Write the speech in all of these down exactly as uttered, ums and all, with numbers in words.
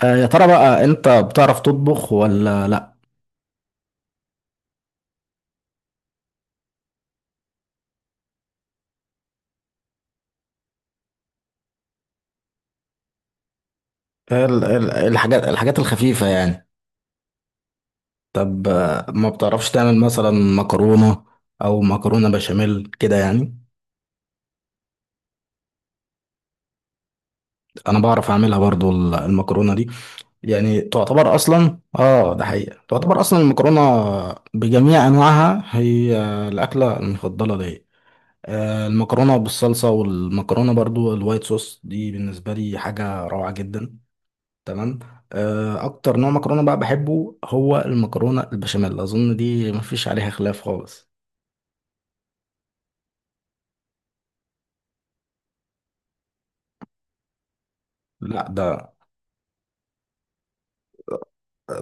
آه، يا ترى بقى انت بتعرف تطبخ ولا لا؟ ال- ال- الحاجات الحاجات الخفيفة يعني. طب، آه، ما بتعرفش تعمل مثلا مكرونة او مكرونة بشاميل كده يعني؟ انا بعرف اعملها برضو ال- المكرونة دي. يعني تعتبر اصلا، اه ده حقيقة، تعتبر اصلا المكرونة بجميع انواعها هي الاكلة المفضلة ليا. آه، المكرونة بالصلصة والمكرونة برضو الوايت صوص دي بالنسبة لي حاجة روعة جدا. تمام. آه، اكتر نوع مكرونه بقى بحبه هو المكرونه البشاميل، اظن دي مفيش عليها خلاف خالص. لا، ده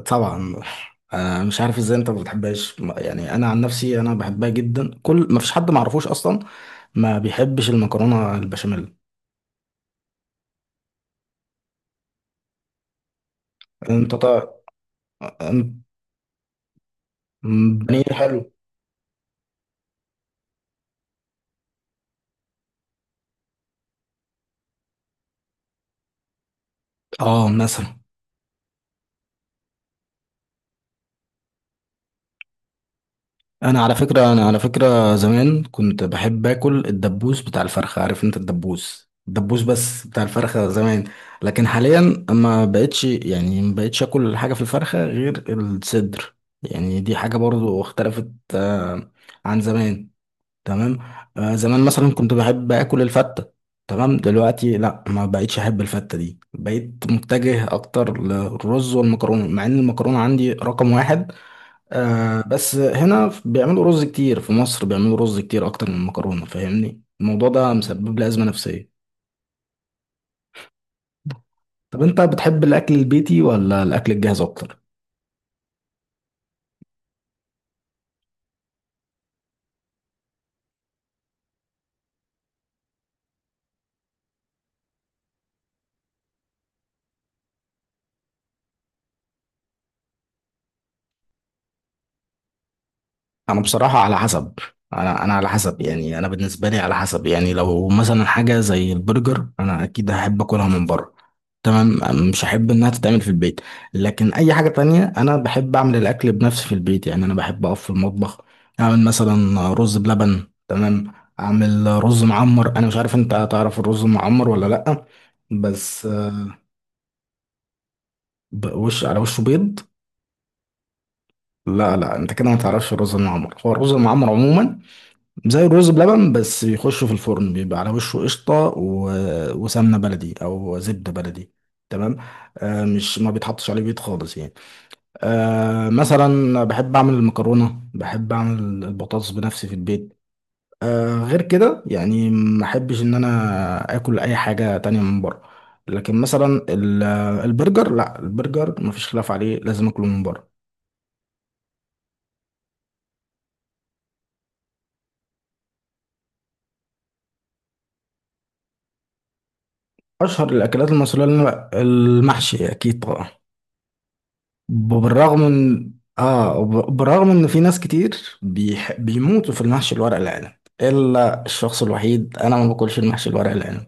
طبعا. آه، مش عارف ازاي انت ما بتحبهاش. م- يعني انا عن نفسي انا بحبها جدا، كل مفيش حد ما اعرفوش اصلا ما بيحبش المكرونه البشاميل. انت طبعا. بانيه حلو. اه، مثلا انا على فكره انا على فكره زمان كنت بحب اكل الدبوس بتاع الفرخه، عارف انت الدبوس الدبوس بس بتاع الفرخه زمان. لكن حاليا ما بقتش، يعني ما بقتش اكل حاجه في الفرخه غير الصدر. يعني دي حاجه برضو اختلفت آه، عن زمان. تمام. آه، زمان مثلا كنت بحب اكل الفته. تمام، دلوقتي لا، ما بقتش احب الفته دي، بقيت متجه اكتر للرز والمكرونه، مع ان المكرونه عندي رقم واحد. آه بس هنا بيعملوا رز كتير، في مصر بيعملوا رز كتير اكتر من المكرونه، فاهمني؟ الموضوع ده مسبب لي ازمه نفسيه. طب انت بتحب الاكل البيتي ولا الاكل الجاهز اكتر؟ انا بصراحه على حسب، انا انا على حسب، يعني انا بالنسبه لي على حسب. يعني لو مثلا حاجه زي البرجر، انا اكيد هحب اكلها من بره. تمام. مش هحب انها تتعمل في البيت. لكن اي حاجه تانية انا بحب اعمل الاكل بنفسي في البيت، يعني انا بحب اقف في المطبخ، اعمل مثلا رز بلبن. تمام. اعمل رز معمر. انا مش عارف، انت تعرف الرز المعمر ولا لا؟ بس ب- وش، على وشه بيض. لا لا، انت كده ما تعرفش الرز المعمر. هو الرز المعمر عموما زي الرز بلبن، بس بيخش في الفرن بيبقى على وشه قشطة و... وسمنة بلدي أو زبدة بلدي. تمام. آه مش ما بيتحطش عليه بيض خالص يعني. آه مثلا بحب أعمل المكرونة، بحب أعمل البطاطس بنفسي في البيت. آه غير كده يعني ما أحبش إن أنا آكل أي حاجة تانية من بره. لكن مثلا ال- البرجر، لا، البرجر مفيش خلاف عليه، لازم أكله من بره. أشهر الأكلات المصرية اللي أنا- المحشي أكيد طبعا. بالرغم ان اه وب- بالرغم ان في ناس كتير بيح... بيموتوا في المحشي الورق العنب، الا الشخص الوحيد انا ما باكلش المحشي الورق العنب.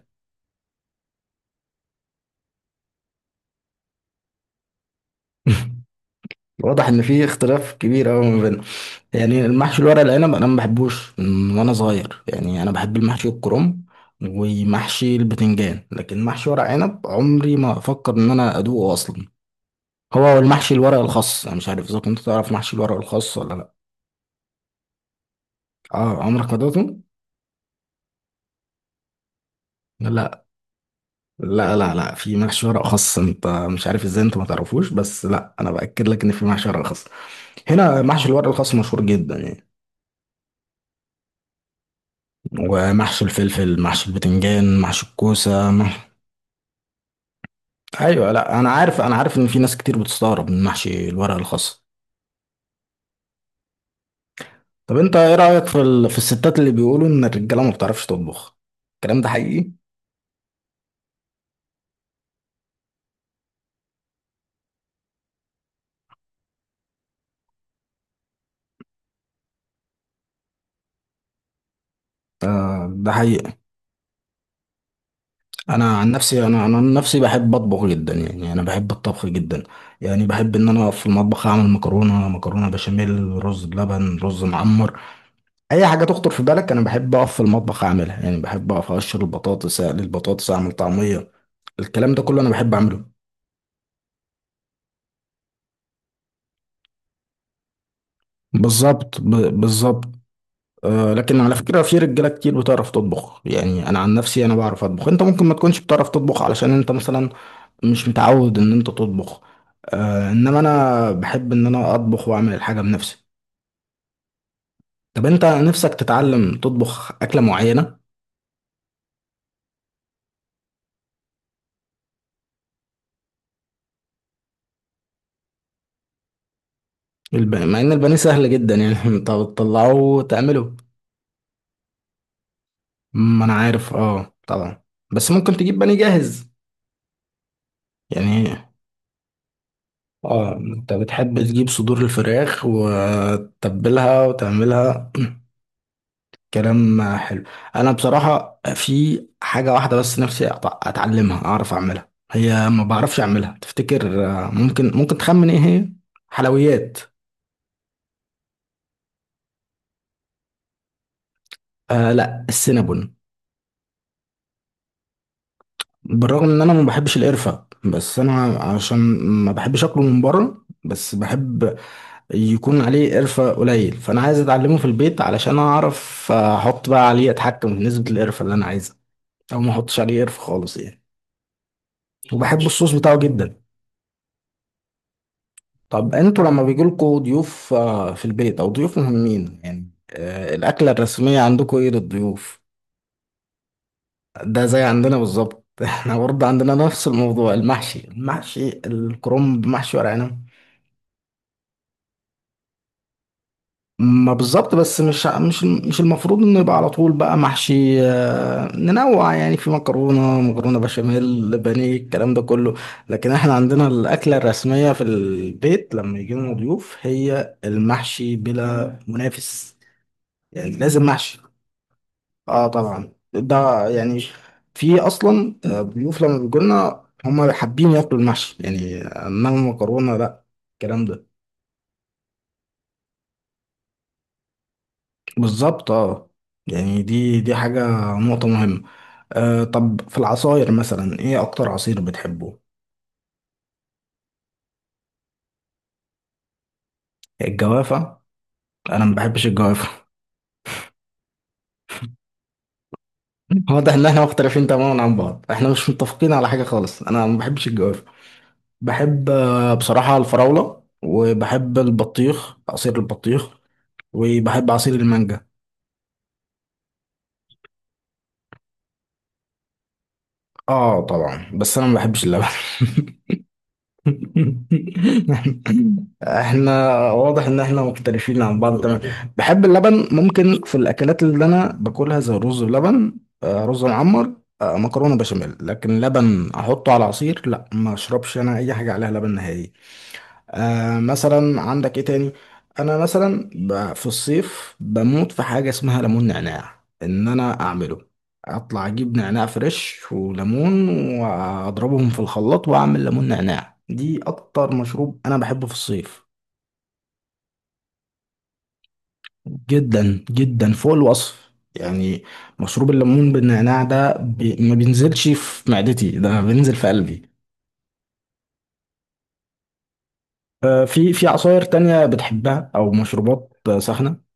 واضح ان في اختلاف كبير قوي ما بيننا. يعني المحشي الورق العنب انا ما بحبوش من وانا صغير، يعني انا بحب المحشي الكرنب ومحشي البتنجان. لكن محشي ورق عنب عمري ما افكر ان انا ادوقه اصلا. هو المحشي الورق الخاص، انا مش عارف اذا كنت تعرف محشي الورق الخاص ولا لا. اه، عمرك ما دوقته. لا لا لا لا، في محشي ورق خاص. انت مش عارف ازاي انت ما تعرفوش، بس لا، انا باكد لك ان في محشي ورق خاص. هنا محشي الورق الخاص مشهور جدا يعني. ومحشي الفلفل، محشي البتنجان، محشي الكوسه، مح... ايوه، لا انا عارف انا عارف ان في ناس كتير بتستغرب من محشي الورق الخاص. طب انت ايه رايك في ال... في الستات اللي بيقولوا ان الرجاله ما بتعرفش تطبخ؟ الكلام ده حقيقي. ده حقيقي. انا عن نفسي انا انا عن نفسي بحب اطبخ جدا، يعني انا بحب الطبخ جدا. يعني بحب ان انا اقف في المطبخ، اعمل مكرونه، مكرونه بشاميل، رز بلبن، رز معمر، اي حاجه تخطر في بالك انا بحب اقف في المطبخ اعملها. يعني بحب اقف اقشر البطاطس، اقلي البطاطس، اعمل طعميه، الكلام ده كله انا بحب اعمله. بالظبط ب- بالظبط. آه لكن على فكره في رجاله كتير بتعرف تطبخ، يعني انا عن نفسي انا بعرف اطبخ. انت ممكن ما تكونش بتعرف تطبخ علشان انت مثلا مش متعود ان انت تطبخ. آه انما انا بحب ان انا اطبخ واعمل الحاجه بنفسي. طب انت نفسك تتعلم تطبخ اكله معينه؟ الب... مع ان البانيه سهل جدا يعني، انت بتطلعه وتعمله. ما انا عارف، اه طبعا، بس ممكن تجيب بانيه جاهز يعني. اه، انت بتحب تجيب صدور الفراخ وتتبلها وتعملها. كلام حلو. انا بصراحه في حاجه واحده بس نفسي أت- اتعلمها، اعرف اعملها، هي ما بعرفش اعملها. تفتكر، آه، ممكن ممكن تخمن ايه هي؟ حلويات. آه لا، السينابون. بالرغم ان انا ما بحبش القرفه، بس انا عشان ما بحبش اكله من بره، بس بحب يكون عليه قرفه قليل. فانا عايز اتعلمه في البيت علشان اعرف آه، احط بقى عليه، اتحكم في نسبه القرفه اللي انا عايزها، او ما احطش عليه قرفه خالص يعني. وبحب الصوص بتاعه جدا. طب انتوا لما بيجيلكوا ضيوف آه، في البيت او ضيوف مهمين يعني، آه، الاكله الرسميه عندكوا ايه للضيوف؟ ده زي عندنا بالظبط. احنا برضه عندنا نفس الموضوع، المحشي، المحشي الكرنب، محشي ورق عنب. ما بالظبط، بس مش مش مش المفروض انه يبقى على طول بقى محشي، آه، ننوع، يعني في مكرونه، مكرونه بشاميل، بانيه، الكلام ده كله. لكن احنا عندنا الاكله الرسميه في البيت لما يجي لنا ضيوف هي المحشي بلا منافس. يعني لازم محشي. اه طبعا، ده يعني في اصلا آه، ضيوف لما بيجوا لنا هم حابين ياكلوا المحشي يعني، انما المكرونه لا. الكلام ده بالظبط، اه. يعني دي دي حاجه، نقطه مهمه. آه طب في العصاير مثلا ايه اكتر عصير بتحبه؟ الجوافه. انا ما بحبش الجوافه. واضح ان احنا مختلفين تماما عن بعض، احنا مش متفقين على حاجه خالص، انا ما بحبش الجوافه. بحب آه، بصراحه الفراوله، وبحب البطيخ، عصير البطيخ، وبحب عصير المانجا. اه طبعا، بس انا ما بحبش اللبن. احنا واضح ان احنا مختلفين عن بعض، تمام. بحب اللبن ممكن في الاكلات اللي انا باكلها زي الرز بلبن، آه، رز معمر، آه، مكرونه بشاميل، لكن لبن احطه على عصير لا، ما اشربش انا اي حاجه عليها لبن نهائي. آه مثلا عندك ايه تاني؟ انا مثلا ب- في الصيف بموت في حاجه اسمها ليمون نعناع، ان انا اعمله، اطلع اجيب نعناع فريش وليمون واضربهم في الخلاط واعمل ليمون نعناع. دي اكتر مشروب انا بحبه في الصيف، جدا جدا، فوق الوصف يعني. مشروب الليمون بالنعناع ده بي ما بينزلش في معدتي، ده بينزل في قلبي. آه في في عصاير تانية بتحبها او مشروبات آه، ساخنه؟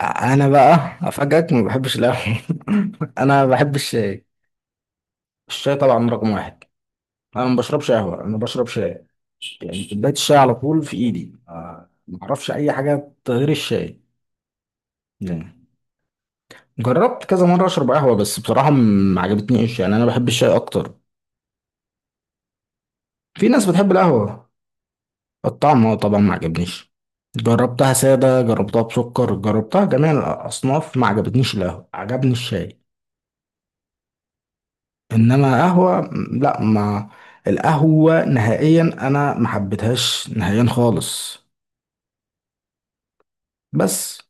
انا بقى افاجئك ما بحبش القهوه. انا ما بحبش الشاي. الشاي طبعا رقم واحد، انا ما بشربش قهوه، انا بشرب شاي. يعني كوبايه الشاي على طول في ايدي، آه، ما اعرفش اي حاجه غير الشاي. يعني. جربت كذا مره اشرب قهوه، بس بصراحه م- ما عجبتنيش، يعني انا بحب الشاي اكتر. في ناس بتحب القهوه. الطعم هو طبعا ما عجبنيش. جربتها ساده، جربتها بسكر، جربتها جميع الاصناف، ما عجبتنيش القهوه، عجبني الشاي. انما قهوه م- لا، ما. القهوه نهائيا، انا ما حبيتهاش نهائيا خالص. بس.